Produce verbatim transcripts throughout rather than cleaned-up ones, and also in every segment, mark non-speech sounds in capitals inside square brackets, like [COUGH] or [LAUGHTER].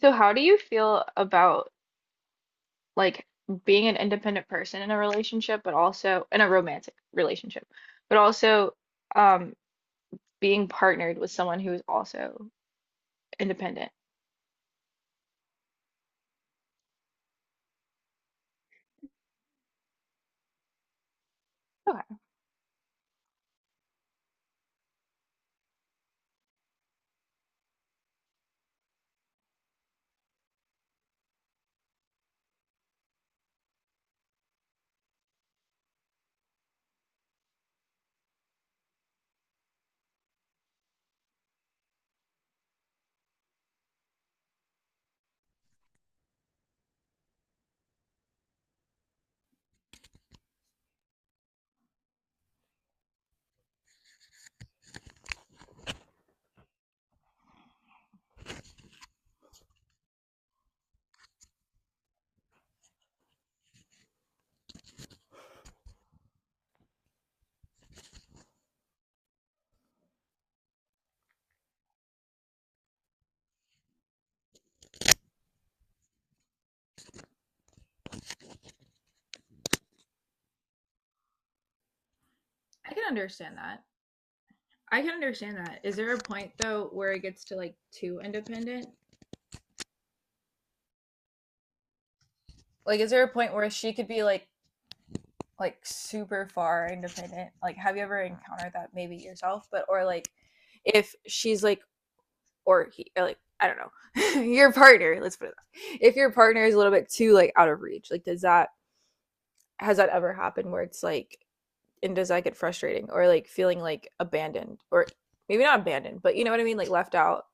So how do you feel about, like, being an independent person in a relationship, but also in a romantic relationship, but also um being partnered with someone who is also independent? Okay. I can understand that. I can understand that. Is there a point though where it gets to, like, too independent? Like, is there a point where she could be like like super far independent? Like, have you ever encountered that maybe yourself? But or like, if she's like or he or like I don't know [LAUGHS] your partner. Let's put it. That. Way. If your partner is a little bit too like out of reach, like does that has that ever happened where it's like and does that get frustrating or like feeling like abandoned or maybe not abandoned, but you know what I mean, like left out.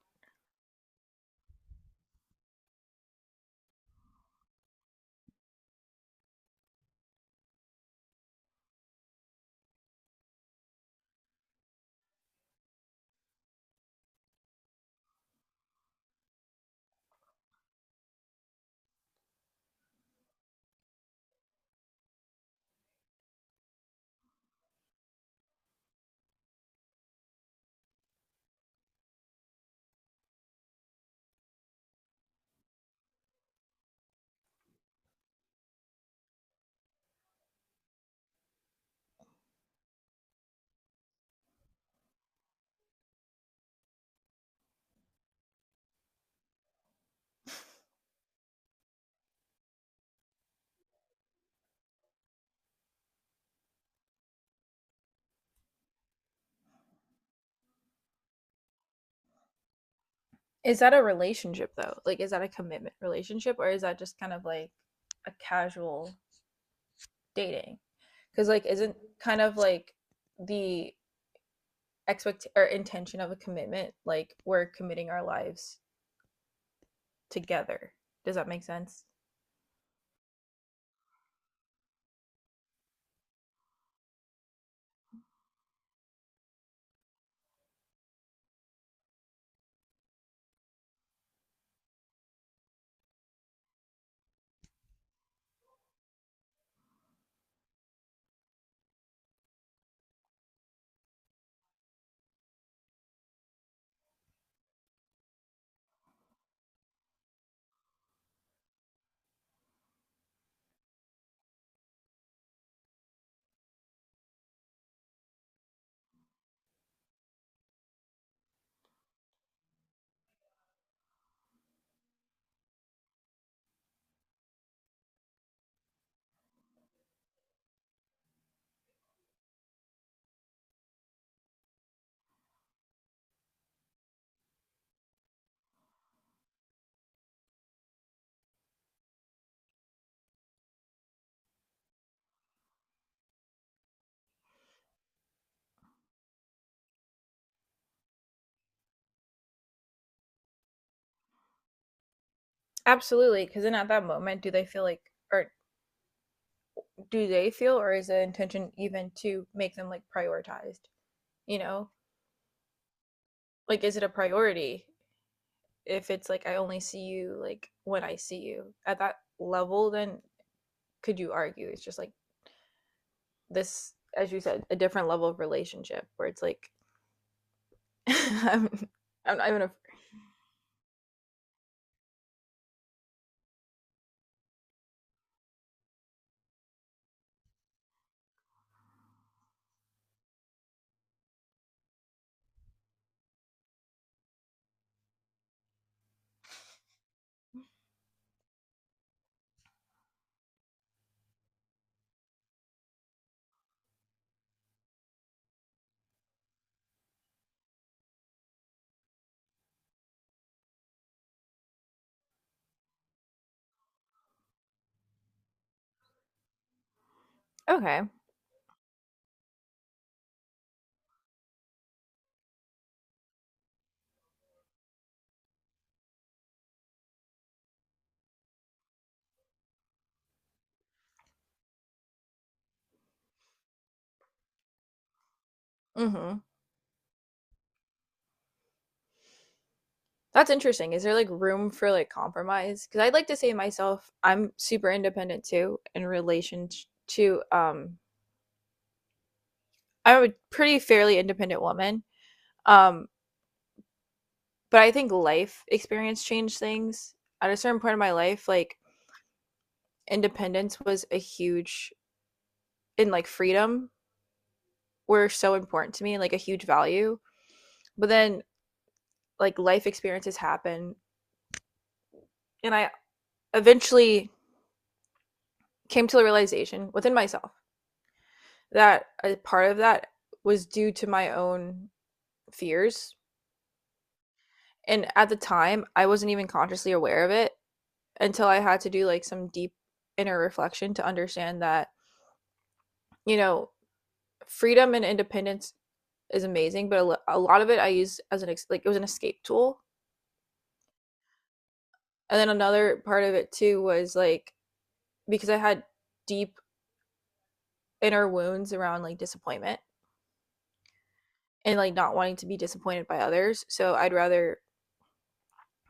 Is that a relationship though? Like is that a commitment relationship or is that just kind of like a casual dating? Cuz like isn't kind of like the expect or intention of a commitment like we're committing our lives together. Does that make sense? Absolutely, because then at that moment, do they feel like, or do they feel, or is the intention even to make them like prioritized? You know, like is it a priority if it's like I only see you like when I see you at that level? Then could you argue it's just like this, as you said, a different level of relationship where it's like [LAUGHS] I'm, I'm not even a, okay. Mm-hmm. That's interesting. Is there like room for like compromise? Because I'd like to say myself, I'm super independent too in relation to um I'm a pretty fairly independent woman. Um, but I think life experience changed things. At a certain point in my life, like independence was a huge and like freedom were so important to me, like a huge value. But then like life experiences happen and I eventually came to the realization within myself that a part of that was due to my own fears. And at the time, I wasn't even consciously aware of it until I had to do like some deep inner reflection to understand that, you know, freedom and independence is amazing, but a lot of it I used as an ex- like it was an escape tool. And then another part of it too was like because I had deep inner wounds around like disappointment and like not wanting to be disappointed by others. So I'd rather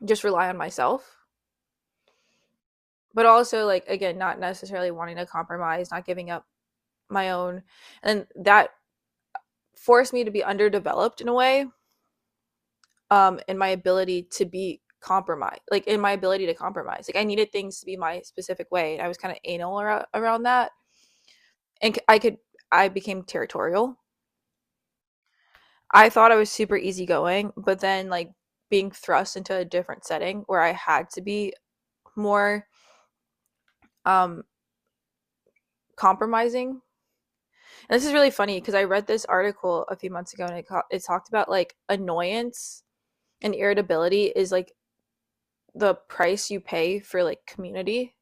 just rely on myself, but also like again, not necessarily wanting to compromise, not giving up my own. And that forced me to be underdeveloped in a way um in my ability to be compromised like in my ability to compromise like I needed things to be my specific way and I was kind of anal around, around that and I could I became territorial. I thought I was super easygoing, but then like being thrust into a different setting where I had to be more um compromising. And this is really funny because I read this article a few months ago and it, co- it talked about like annoyance and irritability is like the price you pay for like community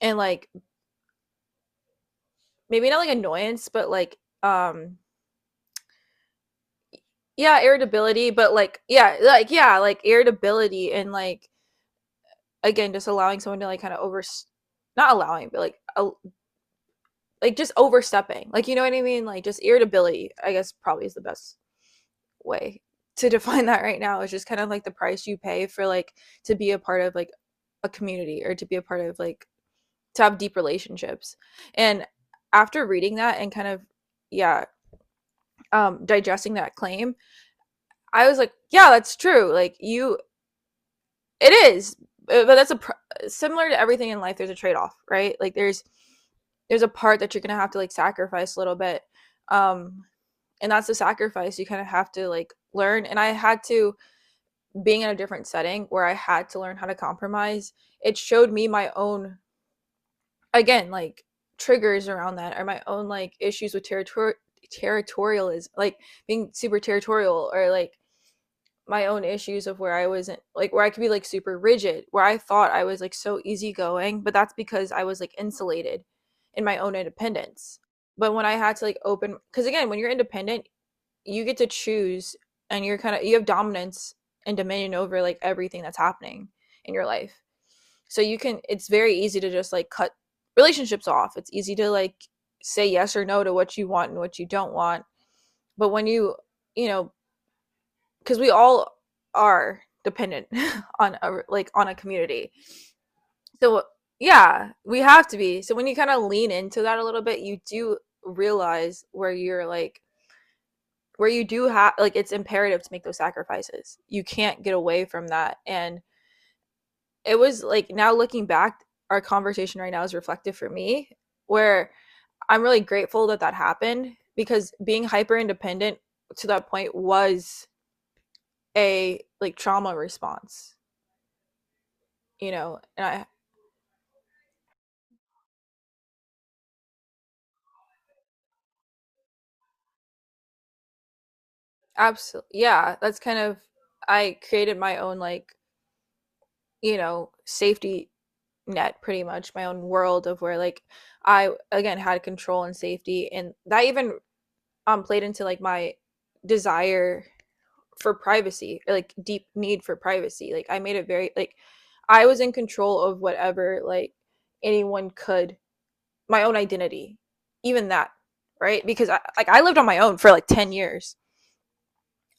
and like maybe not like annoyance, but like um yeah, irritability, but like yeah, like yeah, like irritability and like again just allowing someone to like kind of over not allowing, but like uh, like just overstepping. Like you know what I mean? Like just irritability, I guess probably is the best way to [LAUGHS] define that right now. Is just kind of like the price you pay for like to be a part of like a community or to be a part of like to have deep relationships. And after reading that and kind of yeah, um digesting that claim, I was like, yeah, that's true. Like you, it is, Uh, but that's a pr- similar to everything in life. There's a trade off, right? Like there's there's a part that you're gonna have to like sacrifice a little bit, um, and that's the sacrifice you kind of have to like learn. And I had to being in a different setting where I had to learn how to compromise. It showed me my own again like triggers around that or my own like issues with territory territorialism like being super territorial or like my own issues of where I wasn't like where I could be like super rigid, where I thought I was like so easygoing, but that's because I was like insulated in my own independence. But when I had to like open, because again, when you're independent, you get to choose and you're kind of you have dominance and dominion over like everything that's happening in your life. So you can, it's very easy to just like cut relationships off. It's easy to like say yes or no to what you want and what you don't want. But when you, you know, because we all are dependent [LAUGHS] on a like on a community, so yeah we have to be. So when you kind of lean into that a little bit you do realize where you're like where you do have like it's imperative to make those sacrifices. You can't get away from that, and it was like now looking back our conversation right now is reflective for me where I'm really grateful that that happened because being hyper independent to that point was a like trauma response, you know, and I absolutely, yeah, that's kind of, I created my own, like, you know, safety net pretty much, my own world of where, like, I, again, had control and safety. And that even um, played into, like, my desire for privacy, or, like, deep need for privacy. Like, I made it very, like, I was in control of whatever, like, anyone could my own identity even that, right? Because I, like i lived on my own for like ten years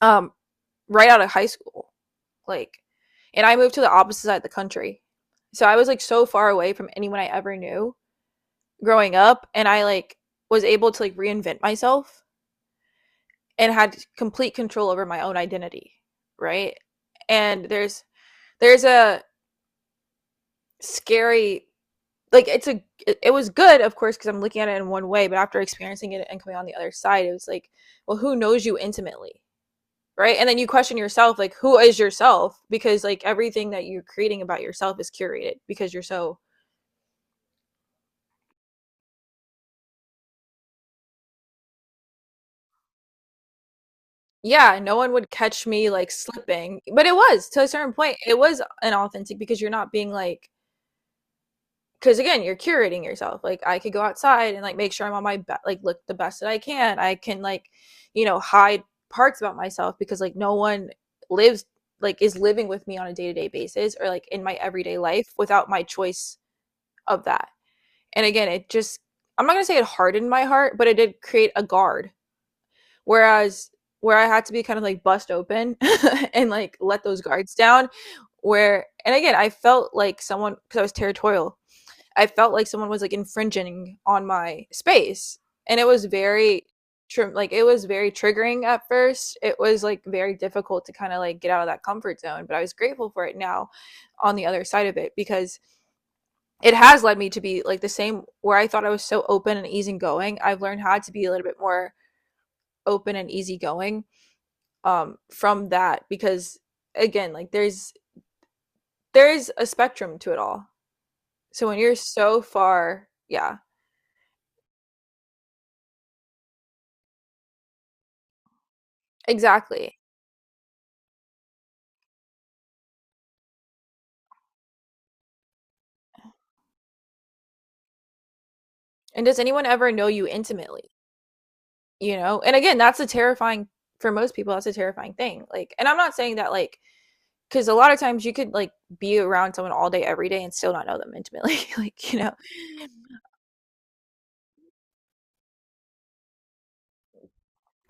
um right out of high school, like, and I moved to the opposite side of the country, so I was like so far away from anyone I ever knew growing up. And I like was able to like reinvent myself and had complete control over my own identity, right? And there's there's a scary like it's a it, was good of course because I'm looking at it in one way, but after experiencing it and coming on the other side it was like well who knows you intimately, right? And then you question yourself like who is yourself because like everything that you're creating about yourself is curated because you're so yeah no one would catch me like slipping but it was to a certain point it was inauthentic because you're not being like because again you're curating yourself like I could go outside and like make sure I'm on my be- like look the best that I can I can like you know hide parts about myself because like no one lives like is living with me on a day-to-day basis or like in my everyday life without my choice of that and again it just I'm not going to say it hardened my heart but it did create a guard whereas where I had to be kind of like bust open [LAUGHS] and like let those guards down where and again I felt like someone because I was territorial I felt like someone was like infringing on my space, and it was very tr- like it was very triggering at first. It was like very difficult to kind of like get out of that comfort zone, but I was grateful for it now on the other side of it because it has led me to be like the same where I thought I was so open and easygoing. I've learned how to be a little bit more open and easygoing um from that because again, like there's there's a spectrum to it all. So when you're so far, yeah, exactly. And does anyone ever know you intimately? You know, and again, that's a terrifying for most people. That's a terrifying thing. Like, and I'm not saying that like because a lot of times you could like be around someone all day every day and still not know them intimately. [LAUGHS] like you know,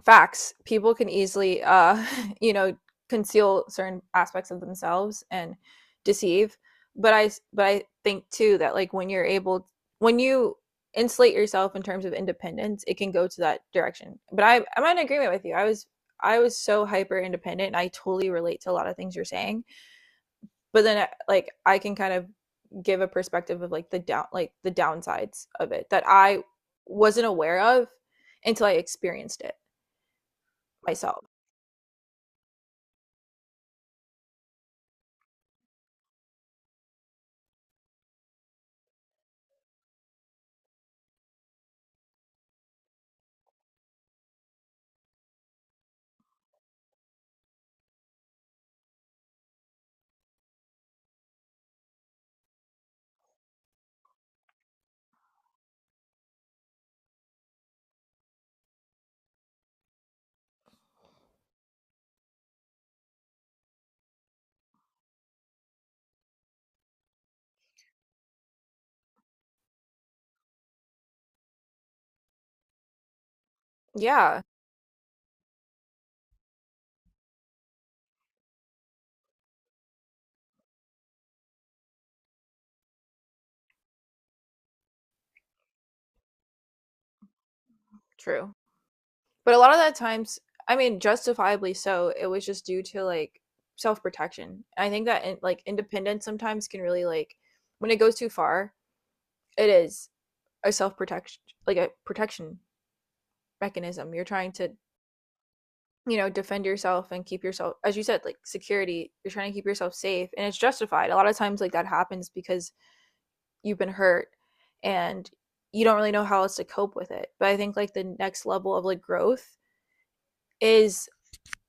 facts, people can easily uh [LAUGHS] you know conceal certain aspects of themselves and deceive. but I, but I think too that like when you're able when you insulate yourself in terms of independence it can go to that direction but i i'm in agreement with you. I was i was so hyper independent and I totally relate to a lot of things you're saying but then uh, like I can kind of give a perspective of like the down like the downsides of it that I wasn't aware of until I experienced it myself. Yeah, true. But a lot of that times, I mean, justifiably so, it was just due to like self protection. I think that in, like independence sometimes can really like when it goes too far, it is a self protection like a protection mechanism. You're trying to you know defend yourself and keep yourself as you said like security you're trying to keep yourself safe and it's justified a lot of times like that happens because you've been hurt and you don't really know how else to cope with it but I think like the next level of like growth is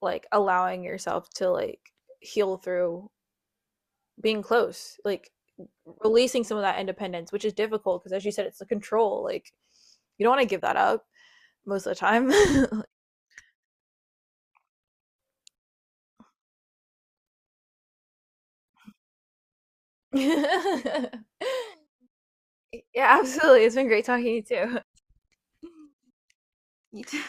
like allowing yourself to like heal through being close like releasing some of that independence which is difficult because as you said it's the control like you don't want to give that up most of the time. [LAUGHS] Yeah, absolutely, it's been great talking to you too. You too.